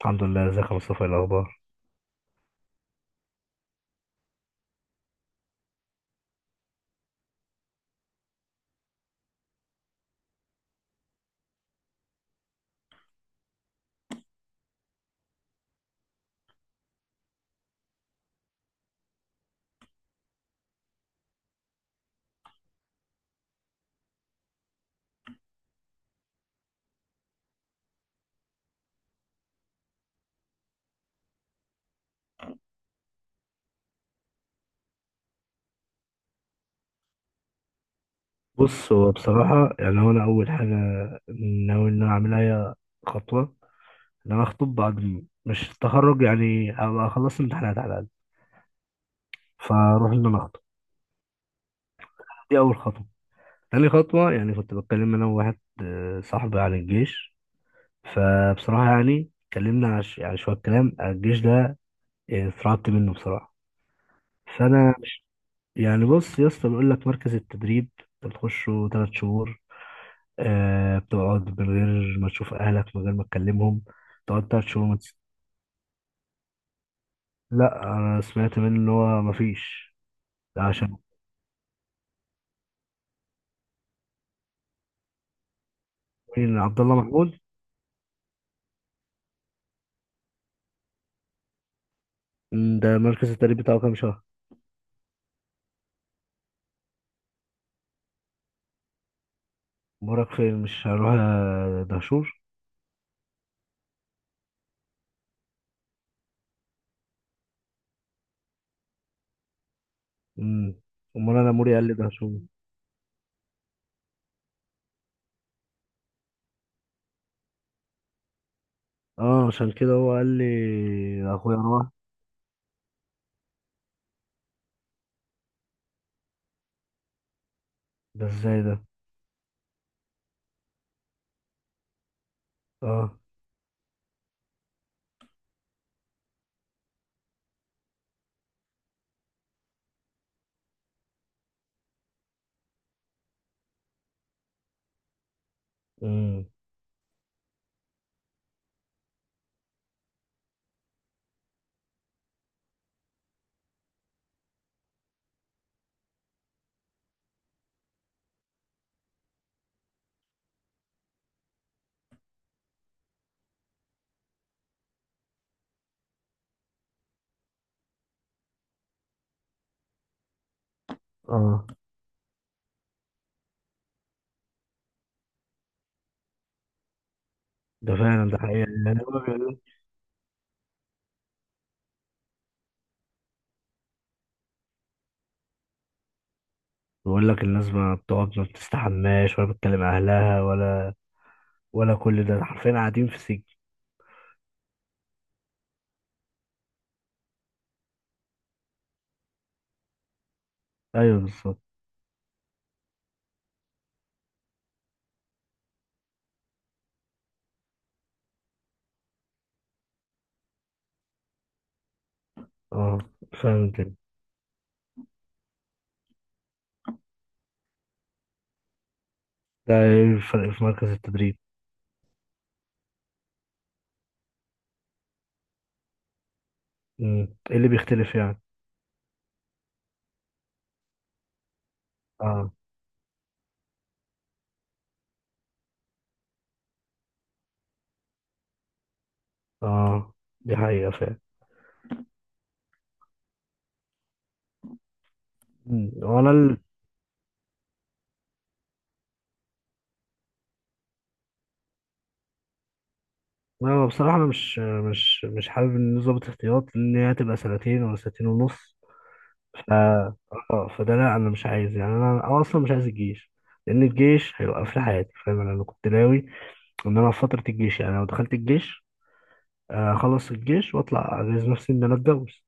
الحمد لله، ازيك يا مصطفى؟ ايه الاخبار؟ بص، هو بصراحه يعني هو انا اول حاجه ناوي ان انا اعملها، هي خطوه ان انا اخطب بعد مش التخرج، يعني ابقى خلصت امتحانات على الاقل. فاروح ان انا اخطب. دي اول خطوه. تاني خطوه، يعني كنت بتكلم انا وواحد صاحبي عن الجيش، فبصراحه يعني اتكلمنا على يعني شويه كلام الجيش ده. اترعبت منه بصراحه. فانا يعني، بص يا اسطى، بيقول لك مركز التدريب انت بتخشه ثلاث شهور، بتقعد من غير ما تشوف أهلك، من غير ما تكلمهم، تقعد تلات شهور ما تس- لا، أنا سمعت منه إن هو مفيش. ده عشان. مين؟ عبد الله محمود. ده مركز التدريب بتاعه كام شهر؟ أمورك فين؟ مش هروح دهشور. مم. أمال أنا موري قال لي دهشور. اه، عشان كده هو قال لي أخويا روح. ده ازاي ده؟ اه. مم. اه، ده فعلا، ده حقيقة. يعني هو بيقول، بيقول لك الناس ما بتقعد، ما بتستحماش، ولا بتكلم أهلها، ولا، ولا كل ده حرفيا قاعدين في سجن. ايوه بالظبط. اه، فاهم كده. ده ايه الفرق في مركز التدريب؟ مم. ايه اللي بيختلف يعني؟ اه. اه، دي حقيقة فعلا. مم. وانا انا بصراحة، انا مش حابب ان ظابط احتياط، لان هي هتبقى سنتين ولا سنتين ونص. ف اه فده لا، انا مش عايز، يعني انا اصلا مش عايز الجيش، لان الجيش هيوقف لي حياتي، فاهم. انا كنت ناوي ان انا في فترة الجيش، يعني لو دخلت الجيش اخلص الجيش واطلع، اجهز نفسي ان انا اتجوز.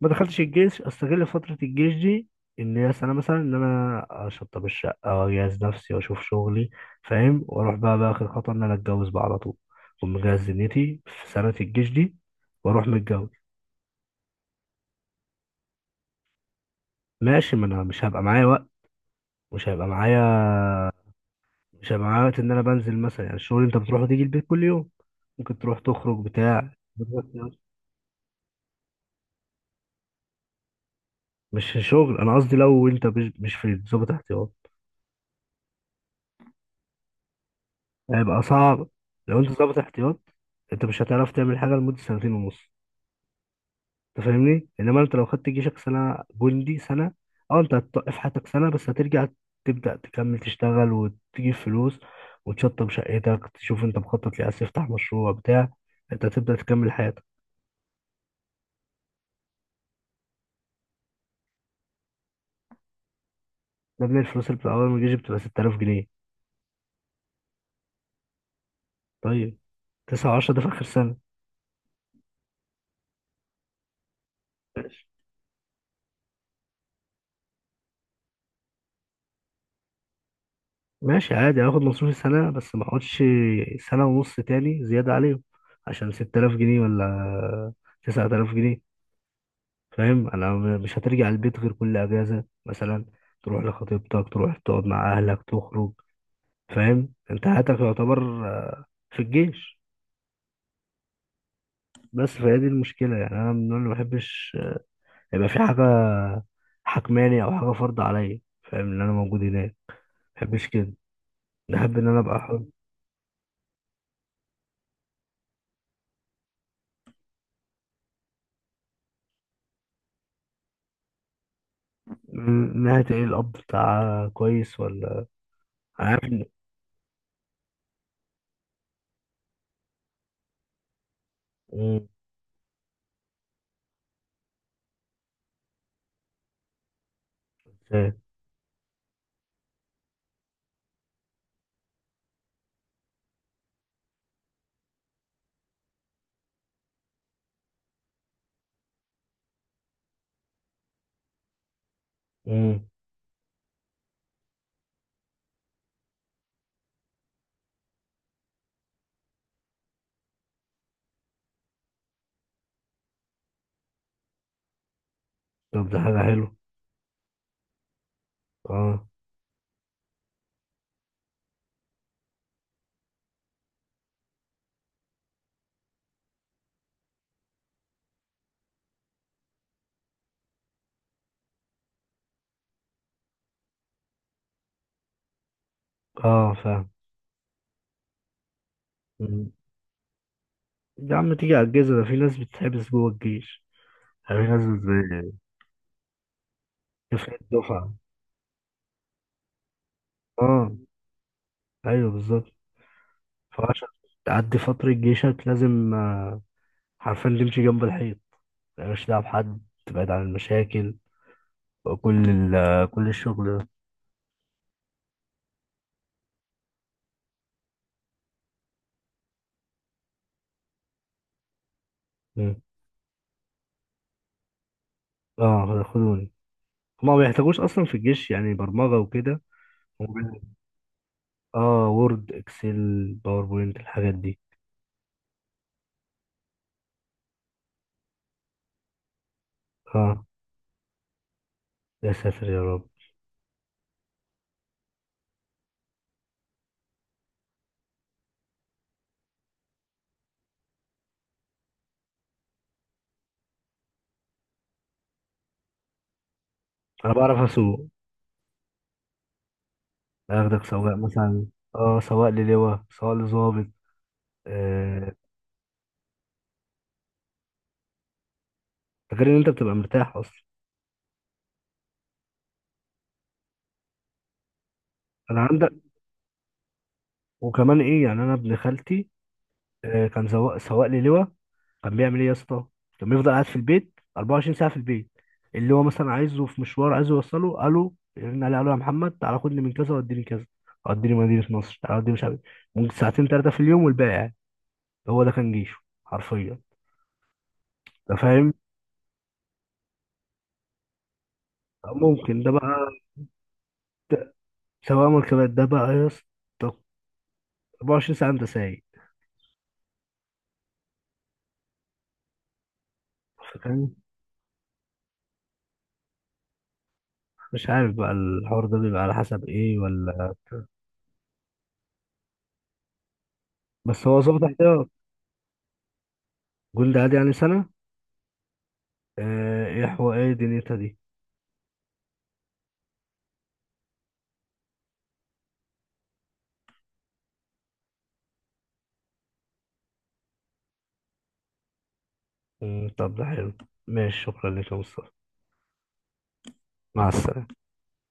ما دخلتش الجيش، استغل فترة الجيش دي، ان هي سنة مثلا، ان انا اشطب الشقة واجهز نفسي واشوف شغلي، فاهم، واروح بقى، اخر خطوة ان انا اتجوز بقى على طول. اكون مجهز دنيتي في سنة الجيش دي، واروح متجوز. ماشي، ما انا مش هبقى معايا وقت، مش هيبقى معايا، مش هيبقى معايا وقت ان انا بنزل مثلا، يعني الشغل انت بتروح وتيجي البيت كل يوم، ممكن تروح تخرج بتاع. مش شغل، انا قصدي لو انت مش في ضابط احتياط، هيبقى صعب. لو انت ضابط احتياط، انت مش هتعرف تعمل حاجة لمدة سنتين ونص. انت فاهمني، انما انت لو خدت جيشك سنه، جندي سنه، اه، انت هتوقف حياتك سنه بس، هترجع تبدا تكمل تشتغل وتجيب فلوس، وتشطب شقتك، تشوف انت مخطط ليه، عايز تفتح مشروع بتاع، انت هتبدا تكمل حياتك. ده من الفلوس اللي بتبقى، اول ما الجيش بتبقى 6000 جنيه. طيب، 9 و10 ده في اخر سنه. ماشي. ماشي عادي، هاخد مصروفي سنه بس، ما اقعدش سنه ونص تاني زياده عليهم عشان 6000 جنيه ولا 9000 جنيه؟ فاهم، انا مش هترجع البيت غير كل اجازه مثلا، تروح لخطيبتك، تروح تقعد مع اهلك، تخرج. فاهم، انت حياتك يعتبر في الجيش. بس فهي دي المشكله، يعني انا من النوع اللي ما بحبش يبقى في حاجه حكماني، او حاجه فرض عليا، فاهم ان انا موجود هناك، ما بحبش كده، بحب ان انا ابقى حر. ناحيه ايه؟ الاب بتاع كويس ولا؟ أنا عارف ان... مم، فاهم. مم. طب ده حاجه حلوه. اه. اه، فاهم. يا عم، تيجي على الجيزة ده في ناس بتتحبس جوه الجيش، يعني في ناس تفرق الدفعة. اه، ايوه بالظبط. فعشان تعدي فترة جيشك لازم حرفيا تمشي جنب الحيط، مالكش دعوة بحد، تبعد عن المشاكل، وكل ال آه، كل الشغل ده. مم. اه، خدوني، هما ما بيحتاجوش اصلا في الجيش يعني برمجة وكده، هما اه، وورد، اكسل، باوربوينت، الحاجات دي. اه، يا ساتر يا رب. انا بعرف اسوق، اخدك سواق مثلا. اه، سواق للواء، سواق لظابط. آه، غير ان انت بتبقى مرتاح اصلا. انا عندك، وكمان ايه، يعني انا ابن خالتي كان سواق، سواق لي لواء. كان بيعمل ايه يا اسطى؟ كان بيفضل قاعد في البيت 24 ساعه في البيت، اللي هو مثلا عايزه في مشوار، عايزه يوصله، قالوا يرن عليه، قالوا يا محمد تعالى خدني من كذا وديني كذا، وديني مدينه نصر، تعالى وديني مش عارف إيه. ممكن ساعتين ثلاثه في اليوم، والباقي قاعد. هو ده كان جيشه حرفيا. انت فاهم، ممكن ده بقى، سواق مركبات ده بقى يا اسطى، 24 ساعه انت سايق. فكان مش عارف بقى الحوار ده بيبقى على حسب ايه ولا؟ بس هو ظابط احتياط، جولد عادي يعني سنة. ايه دنيتها دي؟ طب ده حلو. ماشي، شكرا لك يا مصطفى، مع السلامة.